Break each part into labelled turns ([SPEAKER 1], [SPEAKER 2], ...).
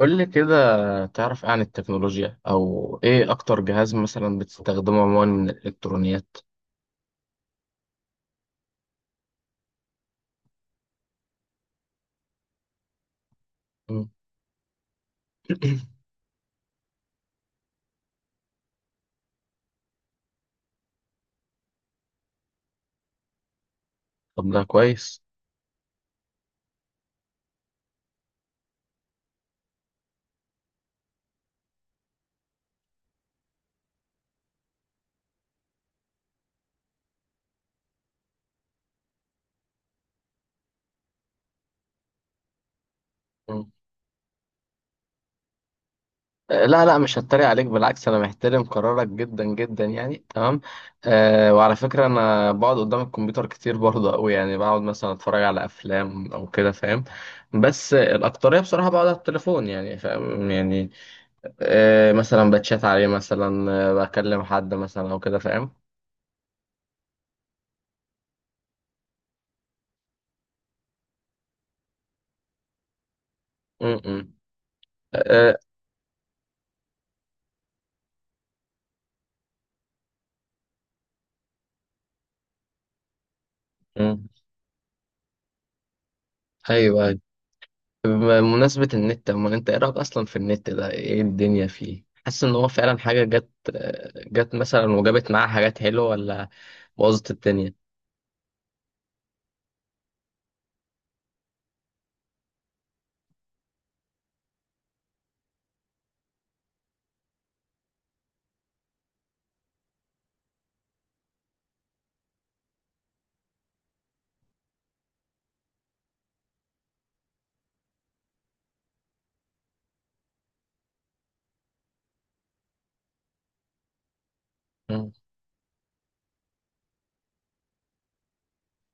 [SPEAKER 1] قول لي كده، تعرف إيه عن التكنولوجيا او ايه اكتر جهاز مثلا بتستخدمه عموما من الالكترونيات؟ مم. طب ده كويس. مم. لا لا، مش هتريق عليك، بالعكس انا محترم قرارك جدا جدا يعني تمام. وعلى فكرة انا بقعد قدام الكمبيوتر كتير برضه قوي، يعني بقعد مثلا اتفرج على افلام او كده فاهم. بس الاكترية بصراحة بقعد على التليفون، يعني فاهم يعني. مثلا بتشات عليه مثلا، بكلم حد مثلا او كده فاهم. مم، مم. آه، ايوه. بمناسبة النت، اما انت ايه رأيك اصلا في النت ده؟ ايه الدنيا فيه؟ حاسس ان هو فعلا حاجة جت، جت مثلا وجابت معاها حاجات حلوة، ولا بوظت الدنيا؟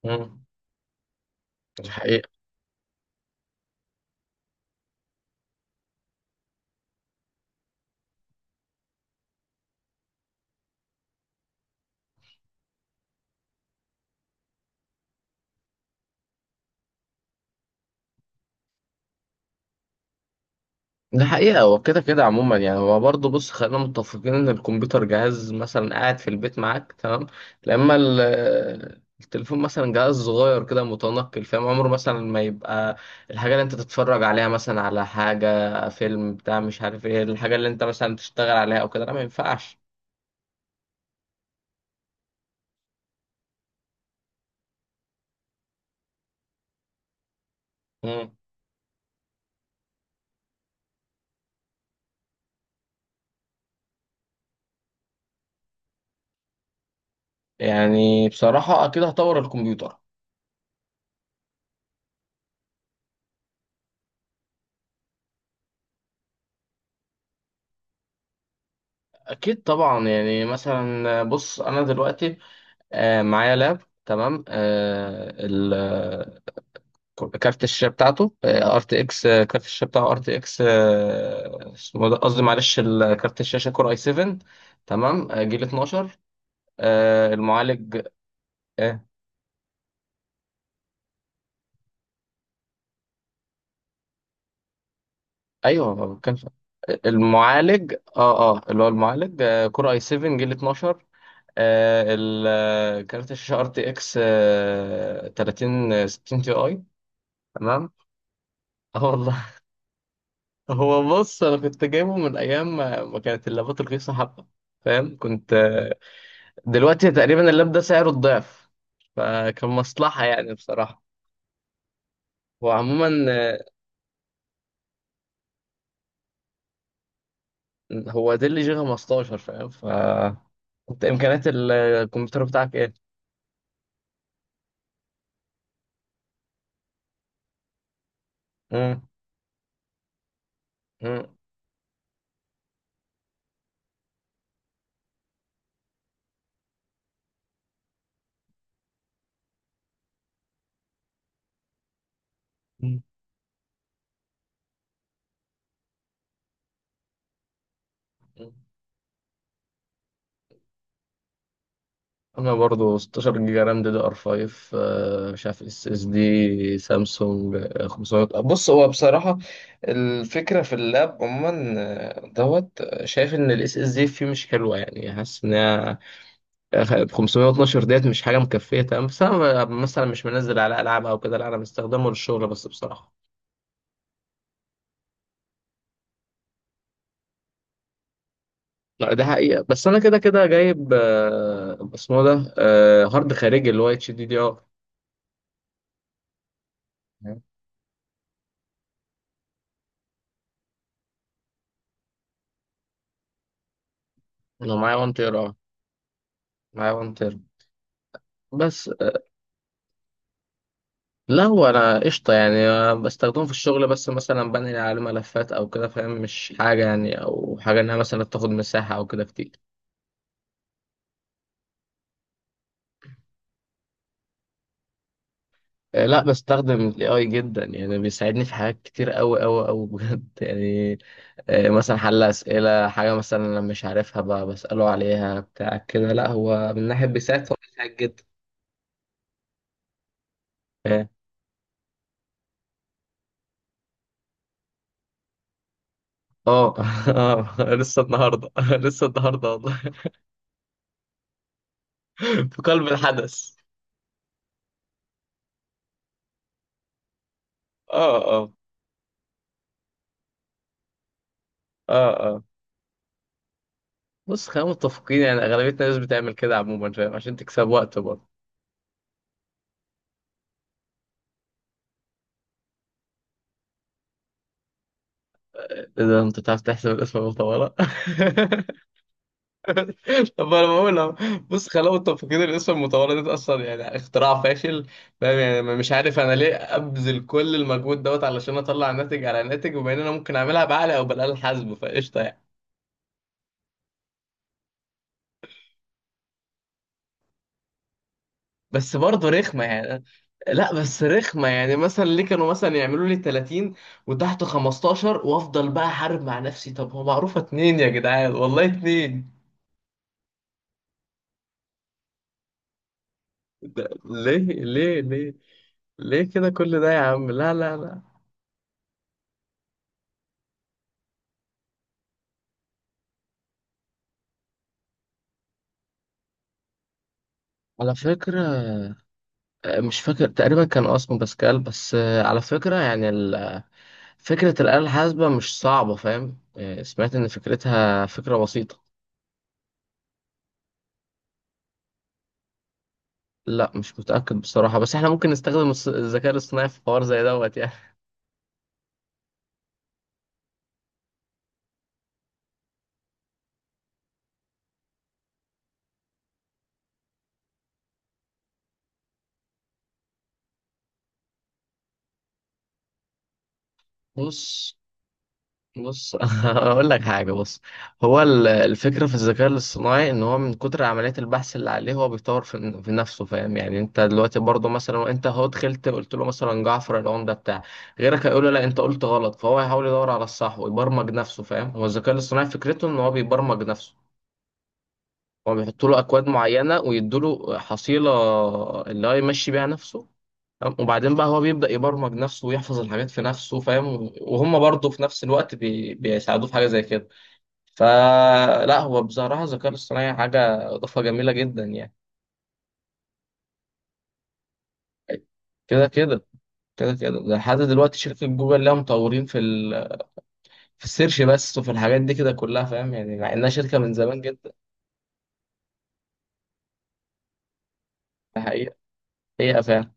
[SPEAKER 1] امم ده حقيقة. هو كده كده عموما، يعني هو برضه بص خلينا متفقين إن الكمبيوتر جهاز مثلا قاعد في البيت معاك تمام. لما التليفون مثلا جهاز صغير كده متنقل فاهم، عمره مثلا ما يبقى الحاجة اللي أنت تتفرج عليها مثلا، على حاجة فيلم بتاع مش عارف إيه. الحاجة اللي أنت مثلا تشتغل عليها أو كده لا، ما ينفعش. مم. يعني بصراحة أكيد هطور الكمبيوتر. أكيد طبعا، يعني مثلا بص أنا دلوقتي معايا لاب تمام. كارت الشاشه بتاعته ار تي اكس، كارت الشاشه بتاعه ار تي اكس اسمه ده، قصدي معلش كارت الشاشه كور اي 7 تمام. جيل 12. المعالج. آه، ايوه ما بتكلمش المعالج. اه اه، اللي هو المعالج كور اي 7 جيل 12. كارت الشاشه ار تي اكس 30 60 تي اي تمام. اه والله. هو بص انا كنت جايبه من ايام ما كانت اللابات رخيصه حبه، فاهم كنت. دلوقتي تقريبا اللاب ده سعره الضعف، فكان مصلحة يعني بصراحة. هو عموما آه، هو ده اللي جي 15 فاهم. ف انت امكانيات الكمبيوتر بتاعك ايه؟ مم. مم. مم. مم. انا برضو 16 جيجا رام دي دي ار 5. مش عارف اس اس دي سامسونج 500. بص هو بصراحة الفكرة في اللاب عموما دوت شايف ان الاس اس دي فيه مش حلوة، يعني حاسس ان هي 512 ديت مش حاجة مكفية تمام. بس أنا مثلا مش منزل على ألعاب أو كده لا، أنا بستخدمه للشغل بس بصراحة. لا ده حقيقة. بس أنا كده كده جايب اسمه ده هارد خارجي اللي هو اتش دي دي ار. أنا معايا 1 تيرا أه، معايا 1 تيرا بس. لا هو أنا قشطة يعني بستخدمه في الشغل بس، مثلا بنقل عليه ملفات أو كده فاهم. مش حاجة يعني، أو حاجة إنها مثلا تاخد مساحة أو كده كتير. لا بستخدم الاي اي جدا، يعني بيساعدني في حاجات كتير قوي قوي قوي بجد يعني. مثلا حل اسئله، حاجه مثلا انا مش عارفها بساله عليها بتاع كده، لا هو من ناحيه بيساعد، فهو بيساعد جدا. اه. اه. لسه النهارده، لسه النهارده والله. في قلب الحدث. اه اه. اه اه. بص خلينا متفقين يعني اغلبيه الناس بتعمل كده عموما فاهم، عشان تكسب وقت برضه. إيه ده، انت بتعرف تحسب الاسم المطوله؟ طب انا بقول أهو، بص خلقوا التفكير الاسم المتورط ده اصلا يعني اختراع فاشل، فاهم يعني. مش عارف انا ليه ابذل كل المجهود دوت علشان اطلع ناتج على ناتج، وبما ان انا ممكن اعملها بعقل او بالاله الحاسبه فقشطه يعني. بس برضه رخمه يعني. لا بس رخمه يعني، مثلا ليه كانوا مثلا يعملوا لي 30 وتحت 15 وافضل بقى احارب مع نفسي؟ طب هو معروفه اتنين يا جدعان، والله اتنين. ليه ليه ليه ليه كده كل ده يا عم؟ لا لا لا. على فكرة مش فاكر، تقريبا كان آه اسمه باسكال. بس على فكرة يعني فكرة الآلة الحاسبة مش صعبة فاهم. سمعت إن فكرتها فكرة بسيطة. لا مش متأكد بصراحة، بس احنا ممكن نستخدم الذكاء الاصطناعي في حوار زي دوت يعني. بص بص اقول لك حاجه بص، هو الفكره في الذكاء الاصطناعي ان هو من كتر عمليات البحث اللي عليه هو بيطور في نفسه فاهم. يعني انت دلوقتي برضه مثلا، وانت هو دخلت قلت له مثلا جعفر العمده بتاع، غيرك هيقول له لا انت قلت غلط، فهو هيحاول يدور على الصح ويبرمج نفسه فاهم. هو الذكاء الاصطناعي فكرته ان هو بيبرمج نفسه، هو بيحطوا له اكواد معينه ويدوا له حصيله اللي هو يمشي بيها نفسه، تمام؟ وبعدين بقى هو بيبدا يبرمج نفسه ويحفظ الحاجات في نفسه فاهم، وهم برضه في نفس الوقت بيساعدوه في حاجه زي كده. فلا هو بصراحه الذكاء الاصطناعي حاجه اضافه جميله جدا يعني. كده كده، كده كده ده لحد دلوقتي شركة جوجل لها مطورين في في السيرش بس، وفي الحاجات دي كده كلها فاهم، يعني مع انها شركة من زمان جدا. ده حقيقة، هي فعلا.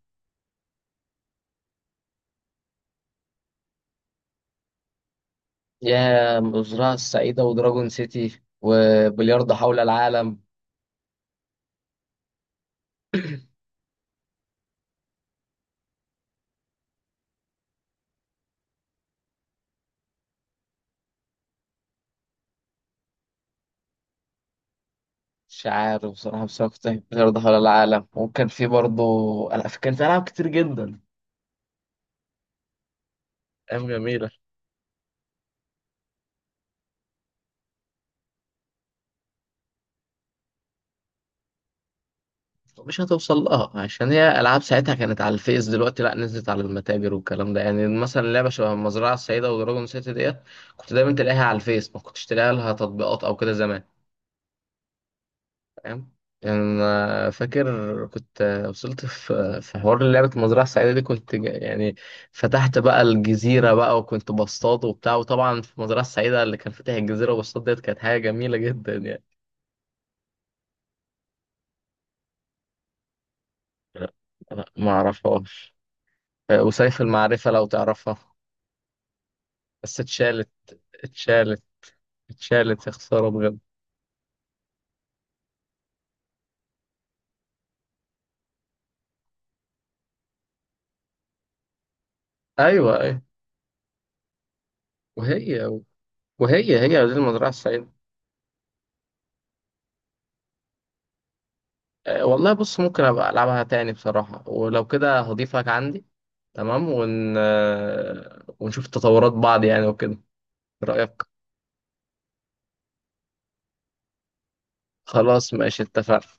[SPEAKER 1] يا الزراعة السعيدة ودراجون سيتي وبلياردو حول العالم. مش عارف بصراحة، بس أنا كنت بحب بلياردو حول العالم، وكان في برضه ألعاب، كان في ألعاب كتير جدا. أيام جميلة. مش هتوصل لها عشان هي ألعاب ساعتها كانت على الفيس، دلوقتي لأ نزلت على المتاجر والكلام ده، يعني مثلا لعبة شبه المزرعة السعيدة ودراجون سيتي ديت كنت دايما تلاقيها على الفيس، ما كنتش تلاقيها لها تطبيقات أو كده زمان فاهم. يعني أنا فاكر كنت وصلت في حوار لعبة المزرعة السعيدة دي، كنت يعني فتحت بقى الجزيرة بقى وكنت بصطاد وبتاع، وطبعا في المزرعة السعيدة اللي كان فاتح الجزيرة وبصطاد ديت كانت حاجة جميلة جدا يعني. لا، لا ما أعرفهاش. وسيف المعرفة لو تعرفها. بس اتشالت، اتشالت، اتشالت يا خسارة بجد. أيوه أيوه. وهي وهي هي دي المزرعة السعيدة. والله بص ممكن ابقى العبها تاني بصراحة، ولو كده هضيفك عندي تمام. ون... آه، ونشوف تطورات بعض يعني وكده، إيه رأيك؟ خلاص ماشي اتفقنا.